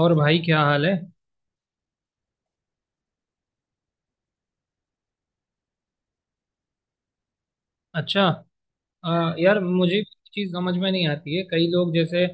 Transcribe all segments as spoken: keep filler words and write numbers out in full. और भाई क्या हाल है। अच्छा। अ, यार मुझे एक चीज़ समझ में नहीं आती है, कई लोग जैसे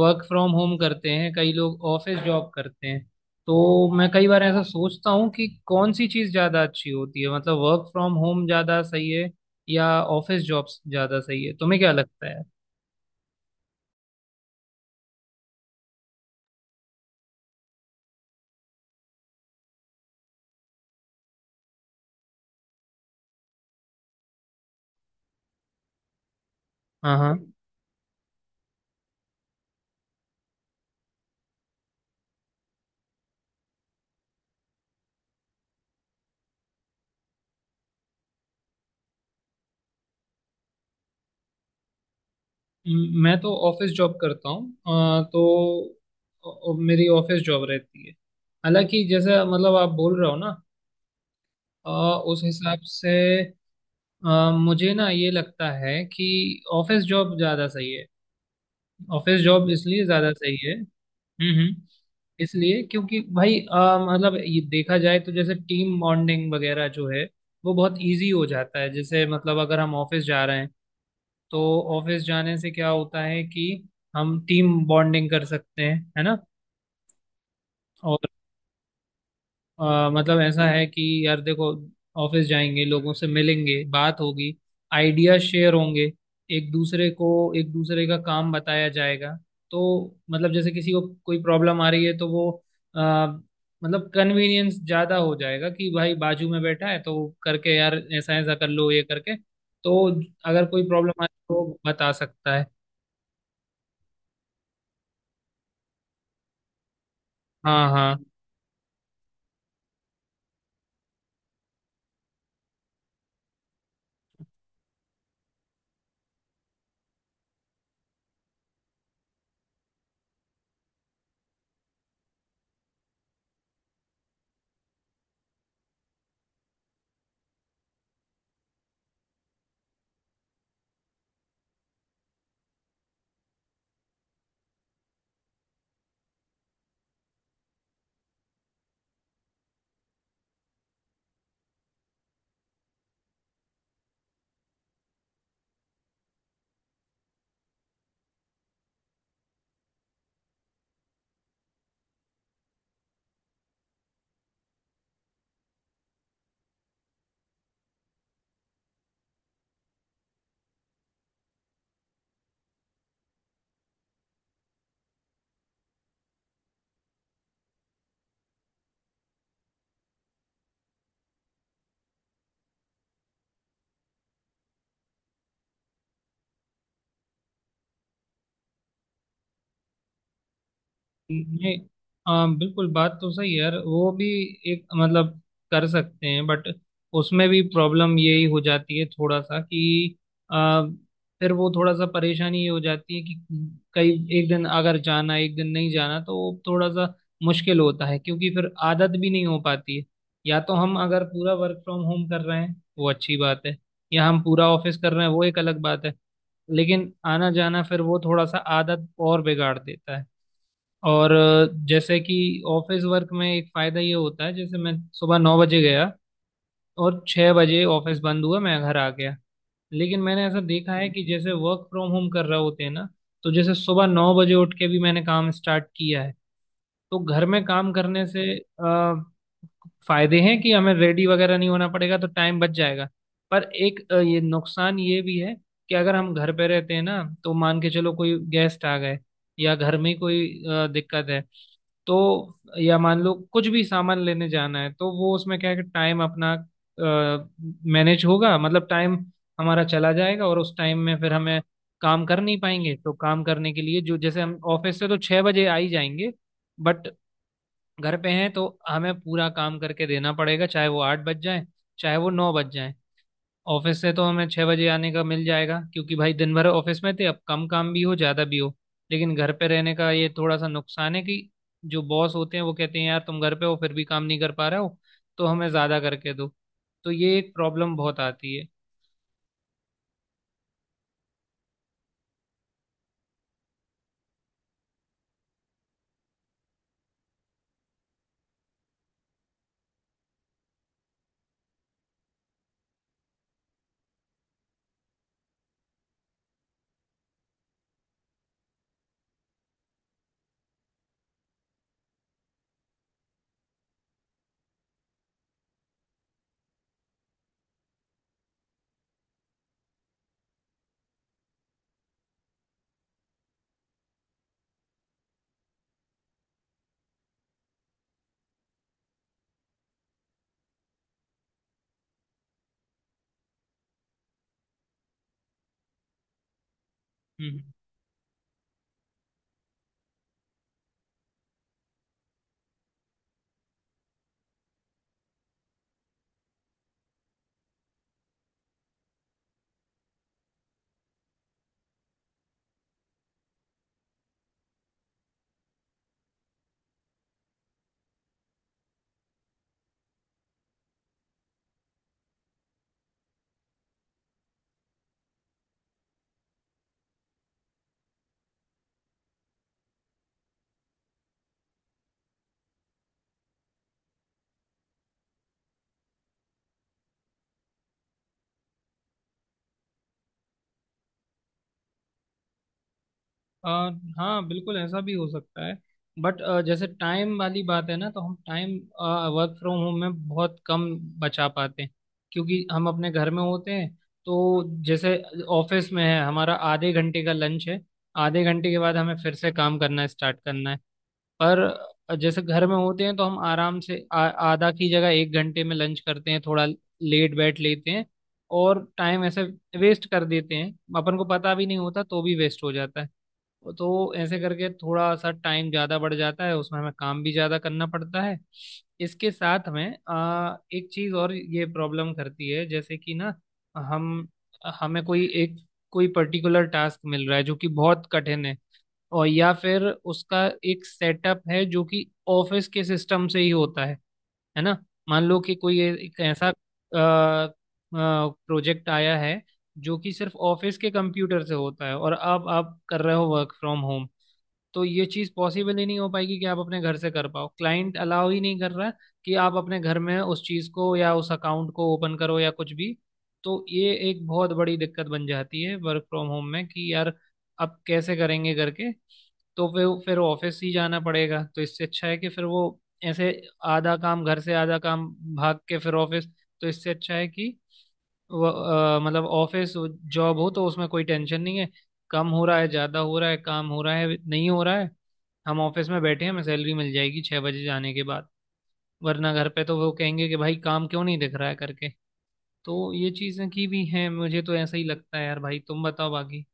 वर्क फ्रॉम होम करते हैं, कई लोग ऑफिस जॉब करते हैं। तो मैं कई बार ऐसा सोचता हूँ कि कौन सी चीज़ ज़्यादा अच्छी होती है, मतलब वर्क फ्रॉम होम ज़्यादा सही है या ऑफिस जॉब ज़्यादा सही है? तुम्हें क्या लगता है? हाँ हाँ। म- मैं तो ऑफिस जॉब करता हूँ। अ, तो अ, मेरी ऑफिस जॉब रहती है। हालांकि जैसे मतलब आप बोल रहे हो ना, अ, उस हिसाब से अ, मुझे ना ये लगता है कि ऑफिस जॉब ज़्यादा सही है। ऑफिस जॉब इसलिए ज़्यादा सही है। हम्म हम्म। इसलिए क्योंकि भाई अ, मतलब ये देखा जाए तो जैसे टीम बॉन्डिंग वगैरह जो है, वो बहुत इजी हो जाता है। जैसे मतलब अगर हम ऑफिस जा रहे हैं तो ऑफिस जाने से क्या होता है कि हम टीम बॉन्डिंग कर सकते हैं, है ना? अ, मतलब ऐसा है कि यार देखो, ऑफिस जाएंगे, लोगों से मिलेंगे, बात होगी, आइडिया शेयर होंगे, एक दूसरे को, एक दूसरे का काम बताया जाएगा। तो मतलब जैसे किसी को कोई प्रॉब्लम आ रही है तो वो अ, मतलब कन्वीनियंस ज़्यादा हो जाएगा कि भाई बाजू में बैठा है तो करके यार ऐसा ऐसा कर लो ये करके। तो अगर कोई प्रॉब्लम आए तो बता सकता है। हाँ हाँ। नहीं, हाँ बिल्कुल बात तो सही है यार, वो भी एक मतलब कर सकते हैं, बट उसमें भी प्रॉब्लम यही हो जाती है थोड़ा सा कि आ, फिर वो थोड़ा सा परेशानी ये हो जाती है कि कई एक दिन अगर जाना एक दिन नहीं जाना, तो वो थोड़ा सा मुश्किल होता है, क्योंकि फिर आदत भी नहीं हो पाती है। या तो हम अगर पूरा वर्क फ्रॉम होम कर रहे हैं वो अच्छी बात है, या हम पूरा ऑफिस कर रहे हैं वो एक अलग बात है। लेकिन आना जाना फिर वो थोड़ा सा आदत और बिगाड़ देता है। और जैसे कि ऑफिस वर्क में एक फायदा ये होता है, जैसे मैं सुबह नौ बजे गया और छः बजे ऑफिस बंद हुआ, मैं घर आ गया। लेकिन मैंने ऐसा देखा है कि जैसे वर्क फ्रॉम होम कर रहे होते हैं ना, तो जैसे सुबह नौ बजे उठ के भी मैंने काम स्टार्ट किया है। तो घर में काम करने से फायदे हैं कि हमें रेडी वगैरह नहीं होना पड़ेगा तो टाइम बच जाएगा। पर एक अ, ये नुकसान ये भी है कि अगर हम घर पे रहते हैं ना तो मान के चलो कोई गेस्ट आ गए या घर में ही कोई अ, दिक्कत है, तो या मान लो कुछ भी सामान लेने जाना है, तो वो उसमें क्या है कि टाइम अपना मैनेज होगा, मतलब टाइम हमारा चला जाएगा और उस टाइम में फिर हमें काम कर नहीं पाएंगे। तो काम करने के लिए जो जैसे हम ऑफिस से तो छह बजे आ ही जाएंगे, बट घर पे हैं तो हमें पूरा काम करके देना पड़ेगा, चाहे वो आठ बज जाए चाहे वो नौ बज जाए। ऑफिस से तो हमें छह बजे आने का मिल जाएगा, क्योंकि भाई दिन भर ऑफिस में थे, अब कम काम भी हो ज्यादा भी हो। लेकिन घर पे रहने का ये थोड़ा सा नुकसान है कि जो बॉस होते हैं वो कहते हैं यार तुम घर पे हो फिर भी काम नहीं कर पा रहे हो, तो हमें ज्यादा करके दो। तो ये एक प्रॉब्लम बहुत आती है। हम्म। अ, हाँ बिल्कुल ऐसा भी हो सकता है, बट जैसे टाइम वाली बात है ना, तो हम टाइम वर्क फ्रॉम होम में बहुत कम बचा पाते हैं, क्योंकि हम अपने घर में होते हैं। तो जैसे ऑफिस में है हमारा आधे घंटे का लंच है, आधे घंटे के बाद हमें फिर से काम करना स्टार्ट करना है। पर अ, जैसे घर में होते हैं तो हम आराम से आ, आधा की जगह एक घंटे में लंच करते हैं, थोड़ा लेट बैठ लेते हैं और टाइम ऐसे वेस्ट कर देते हैं। अपन को पता भी नहीं होता तो भी वेस्ट हो जाता है। तो ऐसे करके थोड़ा सा टाइम ज़्यादा बढ़ जाता है, उसमें हमें काम भी ज़्यादा करना पड़ता है। इसके साथ में आ, एक चीज़ और ये प्रॉब्लम करती है, जैसे कि ना हम हमें कोई एक कोई पर्टिकुलर टास्क मिल रहा है जो कि बहुत कठिन है, और या फिर उसका एक सेटअप है जो कि ऑफिस के सिस्टम से ही होता है है ना? मान लो कि कोई ए- एक ऐसा प्रोजेक्ट आया है जो कि सिर्फ ऑफिस के कंप्यूटर से होता है, और अब आप कर रहे हो वर्क फ्रॉम होम। तो ये चीज़ पॉसिबल ही नहीं हो पाएगी कि आप अपने घर से कर पाओ, क्लाइंट अलाउ ही नहीं कर रहा कि आप अपने घर में उस चीज़ को या उस अकाउंट को ओपन करो या कुछ भी। तो ये एक बहुत बड़ी दिक्कत बन जाती है वर्क फ्रॉम होम में कि यार अब कैसे करेंगे करके। तो फिर फिर ऑफिस ही जाना पड़ेगा, तो इससे अच्छा है कि फिर वो ऐसे आधा काम घर से, आधा काम भाग के फिर ऑफिस। तो इससे अच्छा है कि व- अ, मतलब ऑफिस जॉब हो तो उसमें कोई टेंशन नहीं है, कम हो रहा है ज़्यादा हो रहा है, काम हो रहा है नहीं हो रहा है, हम ऑफिस में बैठे हैं, हमें सैलरी मिल जाएगी छः बजे जाने के बाद। वरना घर पे तो वो कहेंगे कि भाई काम क्यों नहीं दिख रहा है करके। तो ये चीज़ें की भी हैं, मुझे तो ऐसा ही लगता है यार, भाई तुम बताओ बाकी।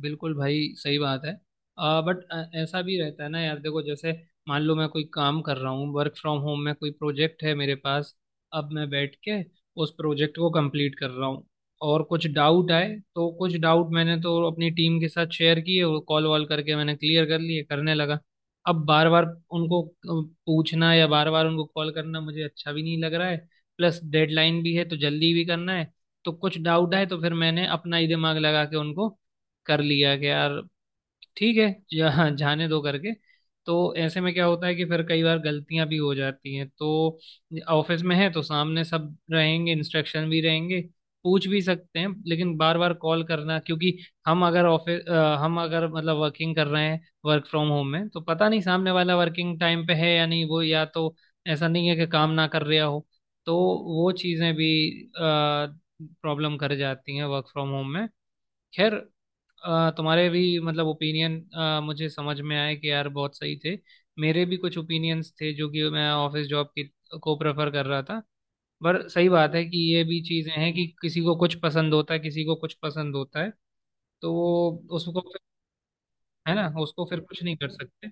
बिल्कुल भाई सही बात है। आ, बट अ, ऐसा भी रहता है ना यार देखो, जैसे मान लो मैं कोई काम कर रहा हूँ वर्क फ्रॉम होम में, कोई प्रोजेक्ट है मेरे पास, अब मैं बैठ के उस प्रोजेक्ट को कंप्लीट कर रहा हूँ, और कुछ डाउट आए। तो कुछ डाउट मैंने तो अपनी टीम के साथ शेयर किए और कॉल वॉल करके मैंने क्लियर कर लिए, करने लगा। अब बार बार उनको अ, पूछना या बार बार उनको कॉल करना मुझे अच्छा भी नहीं लग रहा है, प्लस डेडलाइन भी है तो जल्दी भी करना है। तो कुछ डाउट आए तो फिर मैंने अपना ही दिमाग लगा के उनको कर लिया कि यार ठीक है जा, जाने दो करके। तो ऐसे में क्या होता है कि फिर कई बार गलतियां भी हो जाती हैं। तो ऑफिस में है तो सामने सब रहेंगे, इंस्ट्रक्शन भी रहेंगे, पूछ भी सकते हैं। लेकिन बार बार कॉल करना, क्योंकि हम अगर ऑफिस हम अगर मतलब वर्किंग कर रहे हैं वर्क फ्रॉम होम में, तो पता नहीं सामने वाला वर्किंग टाइम पे है या नहीं, वो या तो ऐसा नहीं है कि काम ना कर रहा हो। तो वो चीज़ें भी प्रॉब्लम कर जाती हैं वर्क फ्रॉम होम में। खैर, अ, तुम्हारे भी मतलब ओपिनियन मुझे समझ में आए कि यार बहुत सही थे। मेरे भी कुछ ओपिनियंस थे जो कि मैं ऑफिस जॉब की को प्रेफर कर रहा था। पर सही बात है कि ये भी चीज़ें हैं कि किसी को कुछ पसंद होता है किसी को कुछ पसंद होता है। तो वो उसको फिर, है ना, उसको फिर कुछ नहीं कर सकते।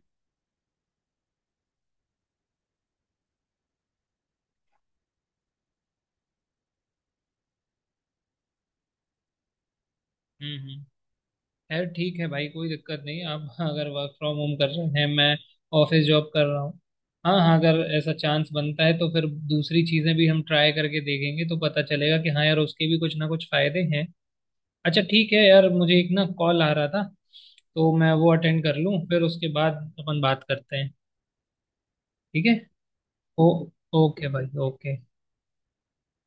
हम्म हम्म। खैर ठीक है भाई, कोई दिक्कत नहीं। आप अगर वर्क फ्रॉम होम कर रहे हैं, मैं ऑफिस जॉब कर रहा हूँ। हाँ हाँ, अगर ऐसा चांस बनता है तो फिर दूसरी चीज़ें भी हम ट्राई करके देखेंगे तो पता चलेगा कि हाँ यार उसके भी कुछ ना कुछ फायदे हैं। अच्छा ठीक है यार, मुझे एक ना कॉल आ रहा था, तो मैं वो अटेंड कर लूँ फिर उसके बाद अपन बात करते हैं। ठीक है? ओ ओके भाई, ओके।